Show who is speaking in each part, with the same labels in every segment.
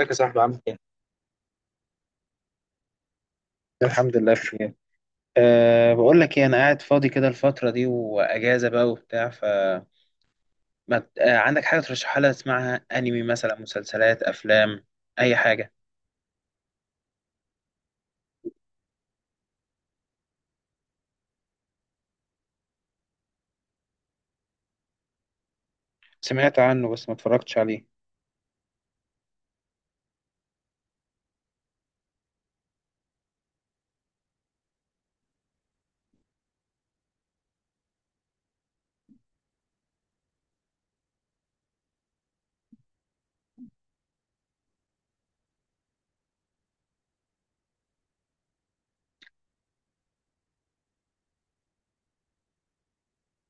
Speaker 1: ازيك يا صاحبي، عامل ايه؟ الحمد لله بخير. أه بقول لك ايه، انا قاعد فاضي كده الفتره دي واجازه بقى وبتاع. ف ما... ت- أه عندك حاجه ترشحها لي؟ اسمعها، انمي مثلا، مسلسلات، افلام، اي حاجه. سمعت عنه بس ما اتفرجتش عليه.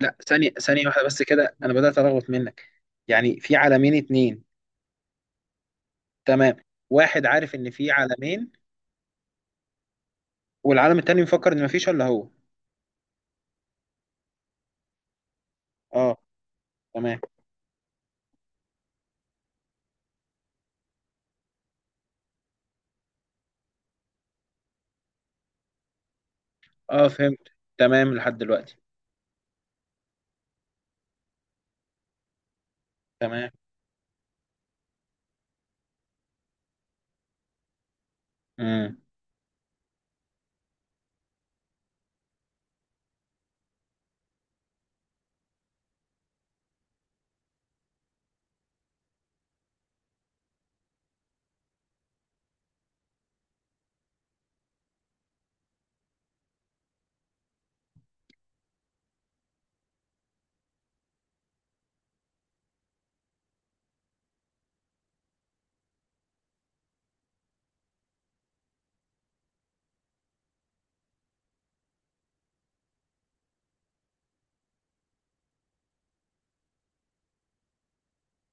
Speaker 1: لا، ثانيه ثانيه واحده بس كده، انا بدات ارغوت منك. يعني في عالمين اتنين؟ تمام. واحد عارف ان في عالمين، والعالم التاني مفكر ان مفيش الا هو. اه. تمام. اه، فهمت. تمام لحد دلوقتي. تمام. امم.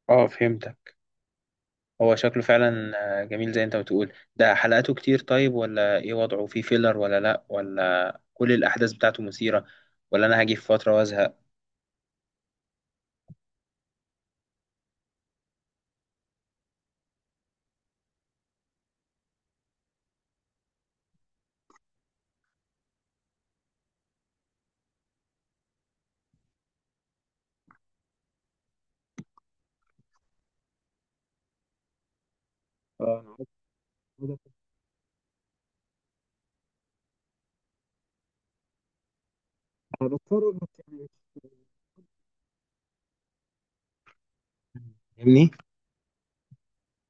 Speaker 1: اه، فهمت. هو شكله فعلا. جميل. زي انت بتقول، ده حلقاته كتير طيب ولا ايه؟ وضعه فيه فيلر ولا لا ولا... كل الاحداث بتاعته مثيرة، ولا انا هاجي في فترة وازهق؟ اه. انا عارف ده. انا بضطر انك، يعني، فاهمني.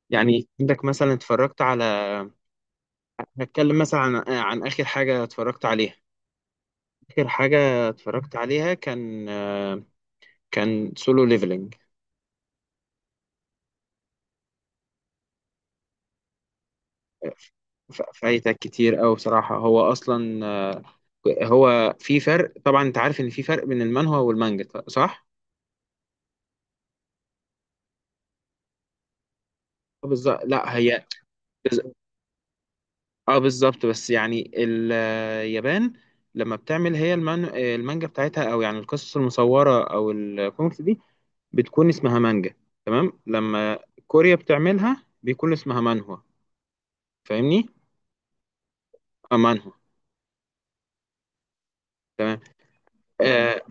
Speaker 1: يعني عندك مثلا اتفرجت على... هتكلم مثلا عن عن اخر حاجه اتفرجت عليها. اخر حاجه اتفرجت عليها كان كان سولو ليفلنج. فايتك كتير أوي بصراحه. هو اصلا هو في فرق طبعا. انت عارف ان في فرق بين المانهوا والمانجا، صح؟ بالظبط. لا هي بز- اه بالظبط. بس يعني اليابان لما بتعمل هي المانجا بتاعتها، او يعني القصص المصوره او الكوميكس دي، بتكون اسمها مانجا. تمام. لما كوريا بتعملها بيكون اسمها مانهوا. فاهمني؟ اه، مانهوا. آه.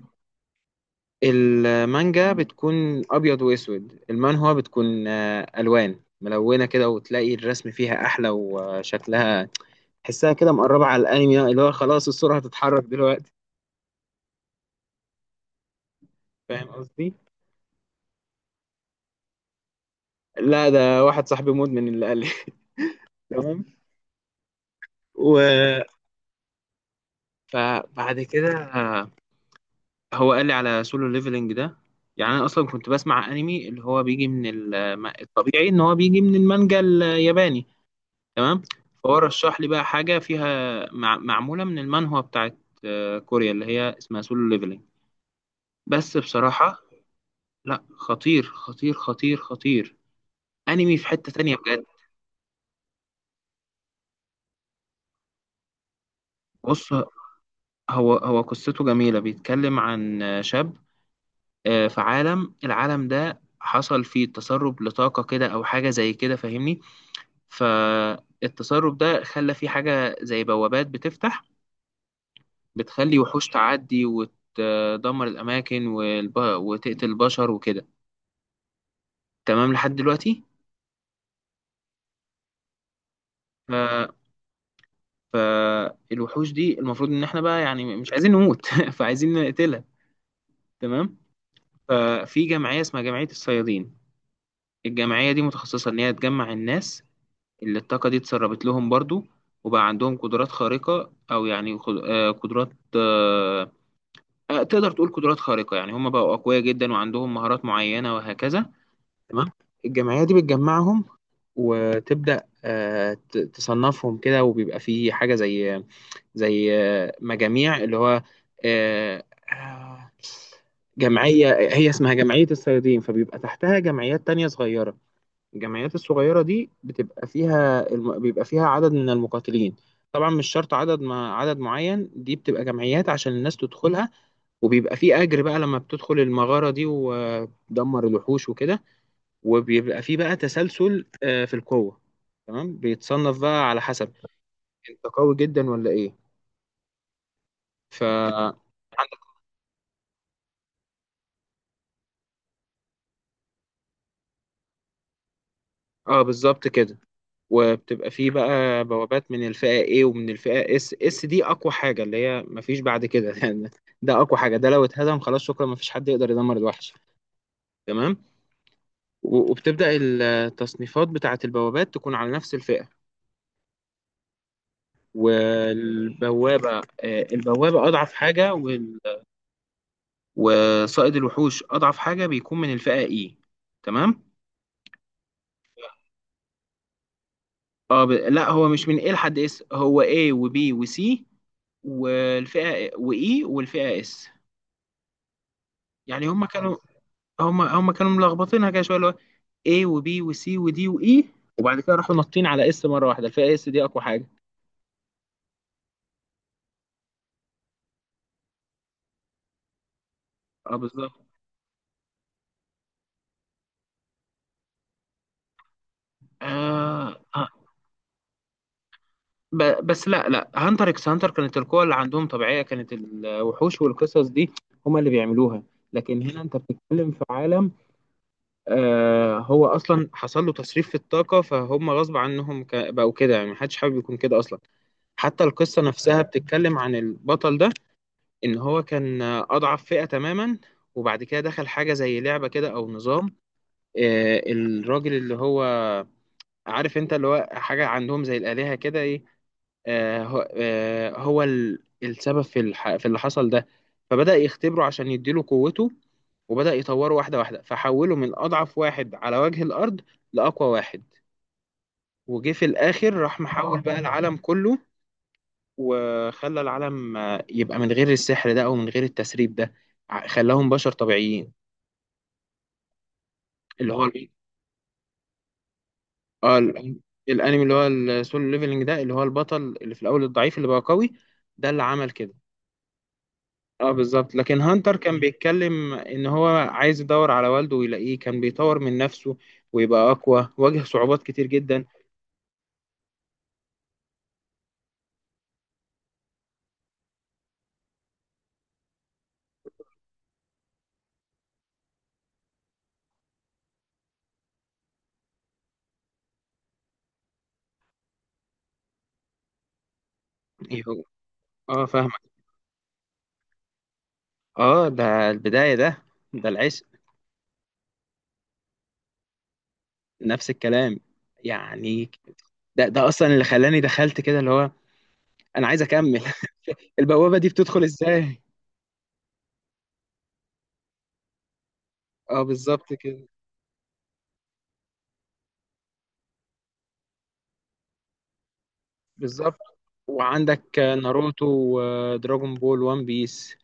Speaker 1: المانجا بتكون ابيض واسود. المانهوا بتكون الوان ملونه كده، وتلاقي الرسم فيها احلى، وشكلها تحسها كده مقربة على الأنمي، اللي هو خلاص الصورة هتتحرك دلوقتي. فاهم قصدي؟ لا، ده واحد صاحبي مدمن اللي قال لي. تمام. و فبعد كده هو قال لي على سولو ليفلنج ده. يعني أنا أصلا كنت بسمع أنمي اللي هو بيجي من الطبيعي إن هو بيجي من المانجا الياباني. تمام. فهو رشح لي بقى حاجة فيها، معمولة من المانهوا بتاعت كوريا، اللي هي اسمها سولو ليفلنج. بس بصراحة، لا، خطير خطير خطير خطير. انمي في حتة تانية بجد. بص. هو قصته جميلة، بيتكلم عن شاب في العالم ده حصل فيه تسرب لطاقة كده، أو حاجة زي كده، فاهمني؟ فالتسرب ده خلى فيه حاجة زي بوابات بتفتح، بتخلي وحوش تعدي وتدمر الأماكن وتقتل البشر وكده. تمام لحد دلوقتي. ف... فالوحوش دي المفروض إن إحنا بقى، يعني، مش عايزين نموت فعايزين نقتلها. تمام. ففي جمعية اسمها جمعية الصيادين. الجمعية دي متخصصة إن هي تجمع الناس اللي الطاقة دي اتسربت لهم برضو، وبقى عندهم قدرات خارقة، أو يعني قدرات، آه، تقدر تقول قدرات خارقة، يعني هم بقوا أقوياء جدا وعندهم مهارات معينة وهكذا. تمام. الجمعية دي بتجمعهم، وتبدأ تصنفهم كده، وبيبقى في حاجة زي زي مجاميع، اللي هو آه، آه، جمعية هي اسمها جمعية الصيادين، فبيبقى تحتها جمعيات تانية صغيرة. الجمعيات الصغيرة دي بيبقى فيها عدد من المقاتلين. طبعا مش شرط عدد، ما عدد معين، دي بتبقى جمعيات عشان الناس تدخلها. وبيبقى في أجر بقى لما بتدخل المغارة دي وتدمر الوحوش وكده. وبيبقى في بقى تسلسل، في القوة. تمام. بيتصنف بقى على حسب انت قوي جدا ولا ايه. ف عندك- اه، بالظبط كده. وبتبقى فيه بقى بوابات من الفئة A ومن الفئة S. S دي أقوى حاجة، اللي هي مفيش بعد كده يعني. ده أقوى حاجة، ده لو اتهدم خلاص شكرا، مفيش حد يقدر يدمر الوحش. تمام. وبتبدأ التصنيفات بتاعة البوابات تكون على نفس الفئة. والبوابة البوابة أضعف حاجة، وصائد الوحوش أضعف حاجة بيكون من الفئة E. تمام. اه، لا، هو مش من A لحد S، هو A و B و C والفئة و E والفئة S. يعني هم كانوا... هم كانوا ملخبطينها كده شويه، اللي هو A و B و C و D و E. وبعد كده راحوا نطين على S مره واحده، الفئه S دي اقوى حاجه. اه، بالظبط. آه آه، بس لا لا، هانتر اكس هانتر كانت القوة اللي عندهم طبيعية، كانت الوحوش والقصص دي هما اللي بيعملوها. لكن هنا انت بتتكلم في عالم هو اصلا حصل له تصريف في الطاقة، فهم غصب عنهم بقوا كده، يعني محدش حابب يكون كده اصلا. حتى القصة نفسها بتتكلم عن البطل ده، ان هو كان اضعف فئة تماما. وبعد كده دخل حاجة زي لعبة كده او نظام، الراجل، اللي هو عارف انت، اللي هو حاجة عندهم زي الآلهة كده، ايه، هو السبب في اللي حصل ده. فبدأ يختبره عشان يديله قوته، وبدأ يطوره واحدة واحدة، فحوله من أضعف واحد على وجه الأرض لأقوى واحد. وجه في الآخر راح محول بقى العالم كله، وخلى العالم يبقى من غير السحر ده او من غير التسريب ده. خلاهم بشر طبيعيين. اللي هو اه، الانمي اللي هو السولو ليفلنج ده، اللي هو البطل اللي في الاول الضعيف اللي بقى قوي، ده اللي عمل كده. اه، بالظبط. لكن هانتر كان بيتكلم ان هو عايز يدور على والده ويلاقيه، كان بيطور من نفسه ويبقى اقوى، واجه صعوبات كتير جدا. يهو- اه، فاهمك. اه، ده البداية ده. ده العشق. نفس الكلام، يعني. ده اصلا اللي خلاني دخلت كده، اللي هو أنا عايز أكمّل. البوابة دي بتدخل إزاي؟ بالضبط كده، بالضبط. وعندك ناروتو ودراجون بول، وان بيس.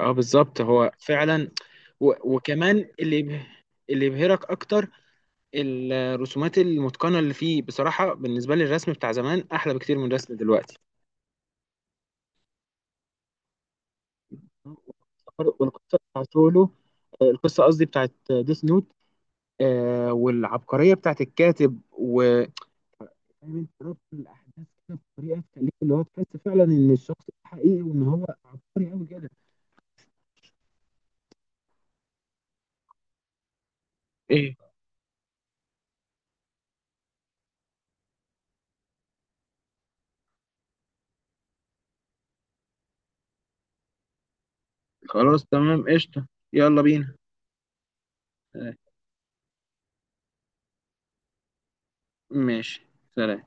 Speaker 1: بالضبط، هو فعلًا. وكمان اللي يبهرك أكتر الرسومات المُتقَنة اللي فيه. بصراحة بالنسبة لي الرسم بتاع زمان أحلى بكتير من الرسم دلوقتي. والقصة بتاعة سولو، القصة، قصدي، بتاعة Death Note، والعبقرية بتاعة الكاتب فاهم انت ربط الاحداث كده بطريقه تخليك، اللي هو، تحس فعلا ان الشخص ده حقيقي وان هو عبقري قوي كده. ايه؟ خلاص، تمام، قشطة. يلا بينا. آه، ماشي، سلام.